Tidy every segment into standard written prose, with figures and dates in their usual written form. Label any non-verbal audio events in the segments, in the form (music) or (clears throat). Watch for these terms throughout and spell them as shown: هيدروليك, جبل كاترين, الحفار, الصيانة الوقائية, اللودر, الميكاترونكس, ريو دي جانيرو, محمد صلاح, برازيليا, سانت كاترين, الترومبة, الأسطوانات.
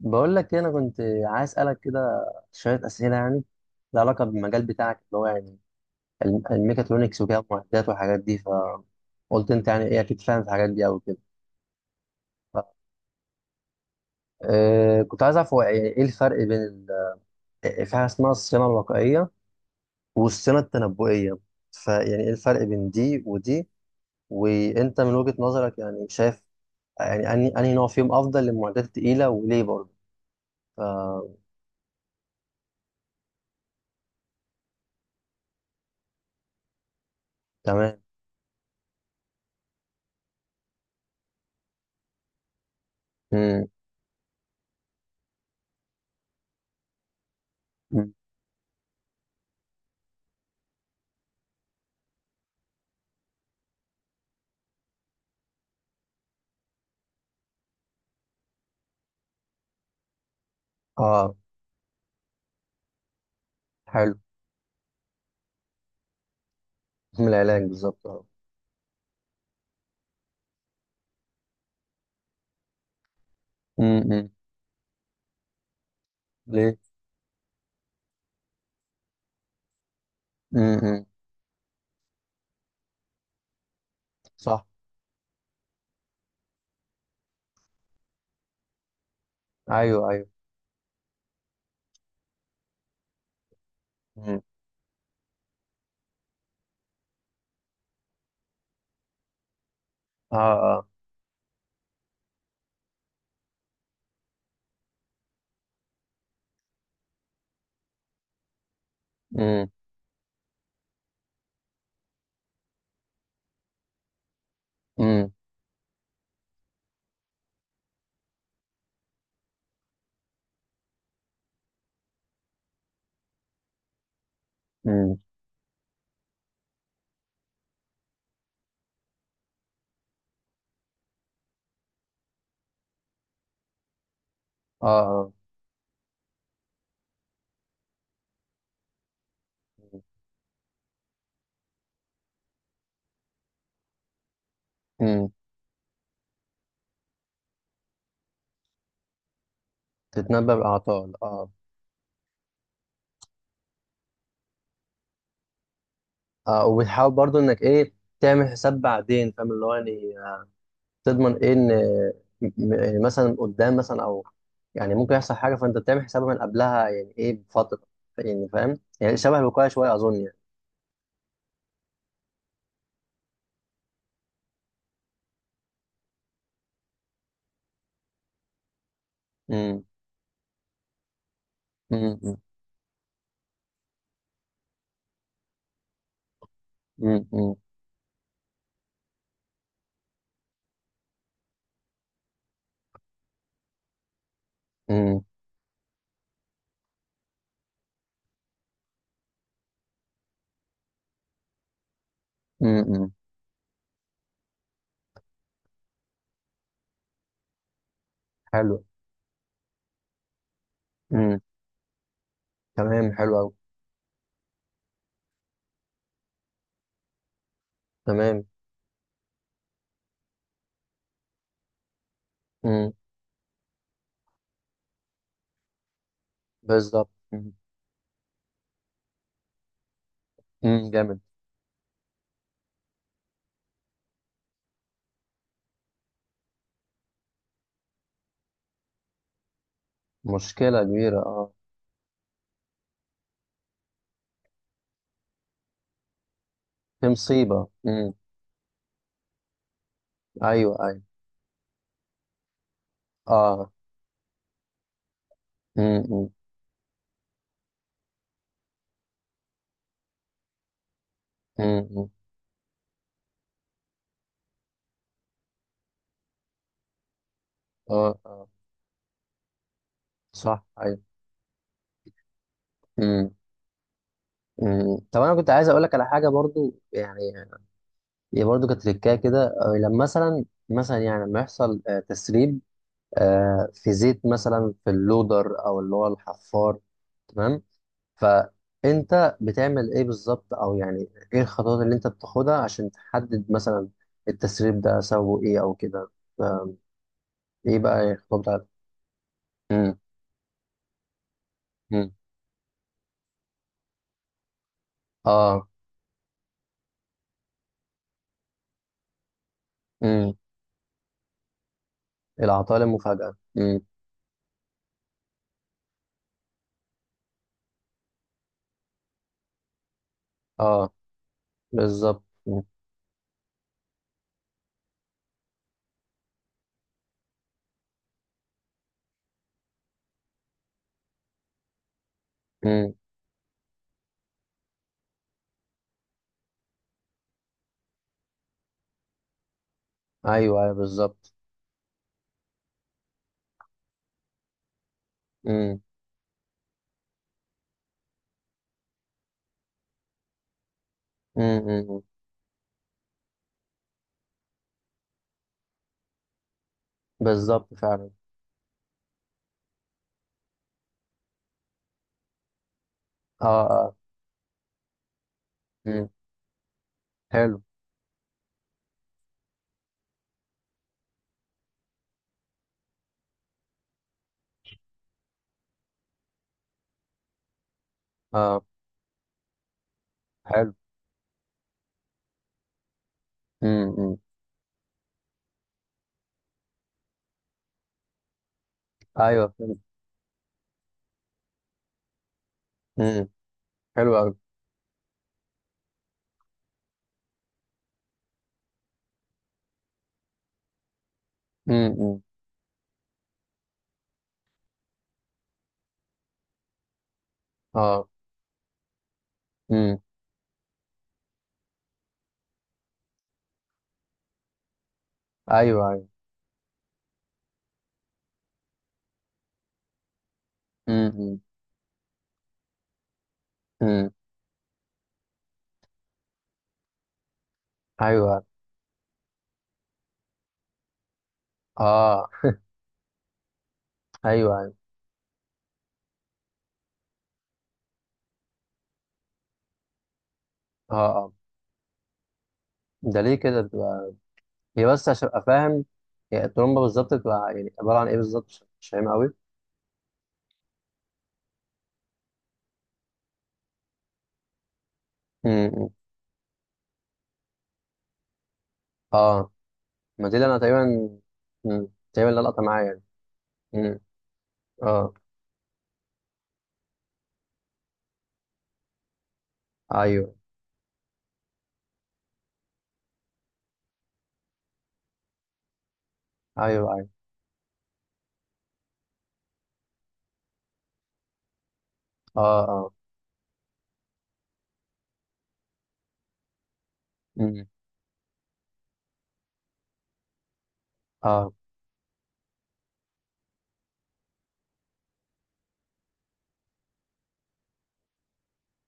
بقول لك إيه، انا كنت عايز اسالك كده شويه اسئله يعني لها علاقه بالمجال بتاعك اللي هو يعني الميكاترونكس وكده المعدات والحاجات دي. فقلت انت يعني ايه اكيد فاهم في الحاجات دي قوي كده. ف- كنت عايز اعرف هو يعني ايه الفرق بين ال- آه، في حاجه اسمها الصيانه الوقائيه والصيانه التنبؤيه، فيعني ايه الفرق بين دي ودي، وانت من وجهه نظرك يعني شايف يعني انهي نوع فيهم افضل للمعدات التقيله وليه برضه؟ ف- تمام. مم. مم. اه. حلو. من العلاج بالظبط. امم. ليه. امم. صح. ايوه ايوه. امم. اه اه. امم. امم. امم. اه اه. امم. تتنبأ بالأعطال اه. اه وبتحاول برضو انك ايه تعمل حساب بعدين فاهم اللي هو يعني تضمن ايه ان مثلا قدام مثلا او يعني ممكن يحصل حاجه فانت بتعمل حسابها من قبلها يعني ايه بفتره. يعني فاهم؟ يعني شبه الوقايه شويه اظن يعني. امم. امم. امم. امم. امم. امم. امم. حلو. امم. تمام حلو قوي. تمام. امم. بالظبط. مم. مم، جامد. مشكلة كبيرة اه. في مصيبة مم. ايوه ايوه. اه. مم. مم. مم. مم. اه اه. صح ايوه. مم. مم. طب انا كنت عايز اقول لك على حاجة برضو يعني. هي برضو كانت تريكايه كده، لما مثلا يعني لما يحصل تسريب، في زيت مثلا في اللودر او اللي هو الحفار. تمام. فانت بتعمل ايه بالظبط او يعني ايه الخطوات اللي انت بتاخدها عشان تحدد مثلا التسريب ده سببه ايه او كده؟ ف- ايه بقى الخطوات بتاعتك؟ امم. امم. اه. امم. العطاء المفاجأة. امم. اه. بالظبط. امم. أمم. ايوه ايوه بالظبط. امم. امم. أمم. بالظبط فعلا. اه. اه. امم. حلو. اه. حلو. امم. أمم. ايوه فهمت. امم. حلو قوي. امم. أمم. اه. امم. ايوه ايوه. امم. أمم. أمم. ايوه. اه. ايوه. أيوه، اه اه. ده ليه كده بتبقى؟ هي بس عشان ابقى فاهم، هي الترومبه بالظبط بتبقى يعني عباره عن ايه بالظبط؟ مش فاهم قوي. امم. إمم. اه. ما دي اللي انا تقريبا. امم. تقريبا اللي لقطه معايا يعني. امم. اه. ايوه. ايوه. ايوه. اه. اه. امم. اه.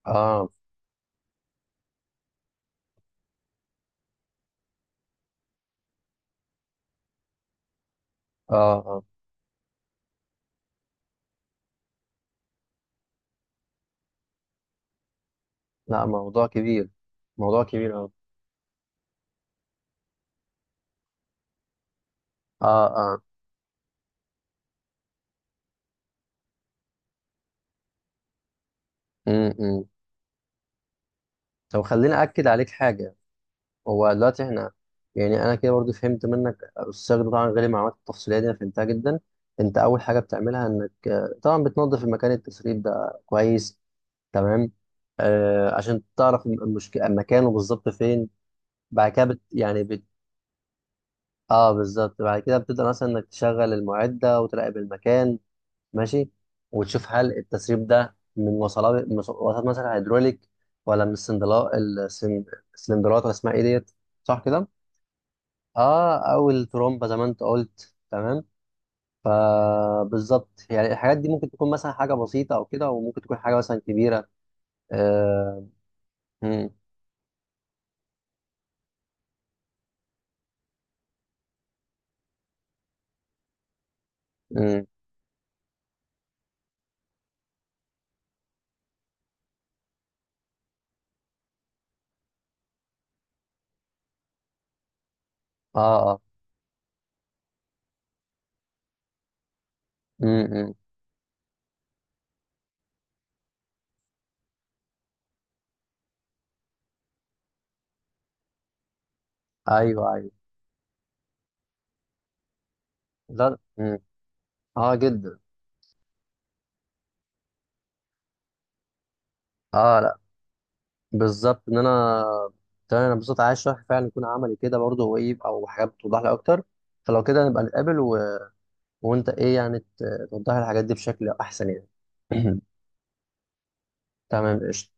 اه. اه. اه. لا موضوع كبير، موضوع كبير اه. اه. اه. امم. إمم. طب خليني اكد عليك حاجه. هو دلوقتي احنا يعني انا كده برضو فهمت منك السياق ده، طبعا غير المعلومات التفصيليه دي انا فهمتها جدا. انت اول حاجه بتعملها انك طبعا بتنظف المكان التسريب ده كويس. تمام. آه عشان تعرف المشكله مكانه بالظبط فين. بعد كده بت يعني بت اه بالظبط. بعد كده بتبدا مثلا انك تشغل المعده وتراقب المكان. ماشي. وتشوف هل التسريب ده من وصلات مثلا هيدروليك، ولا من السلندرات ولا اسمها ايه ديت؟ صح كده؟ اه او الترومبه زي ما انت قلت. تمام. فبالظبط يعني الحاجات دي ممكن تكون مثلا حاجه بسيطه او كده وممكن تكون حاجه مثلا كبيره. آه. مم. مم. اه اه. مم. مم. ايوه ايوه. لا مم. اه جدا. اه لا بالظبط ان انا. تمام انا بالظبط عايز شرح فعلا يكون عملي كده برضه هو ايه او حاجات بتوضح لي اكتر. فلو كده نبقى نتقابل و... وانت ايه يعني توضح لي الحاجات دي بشكل احسن يعني. (clears throat) تمام قشطة.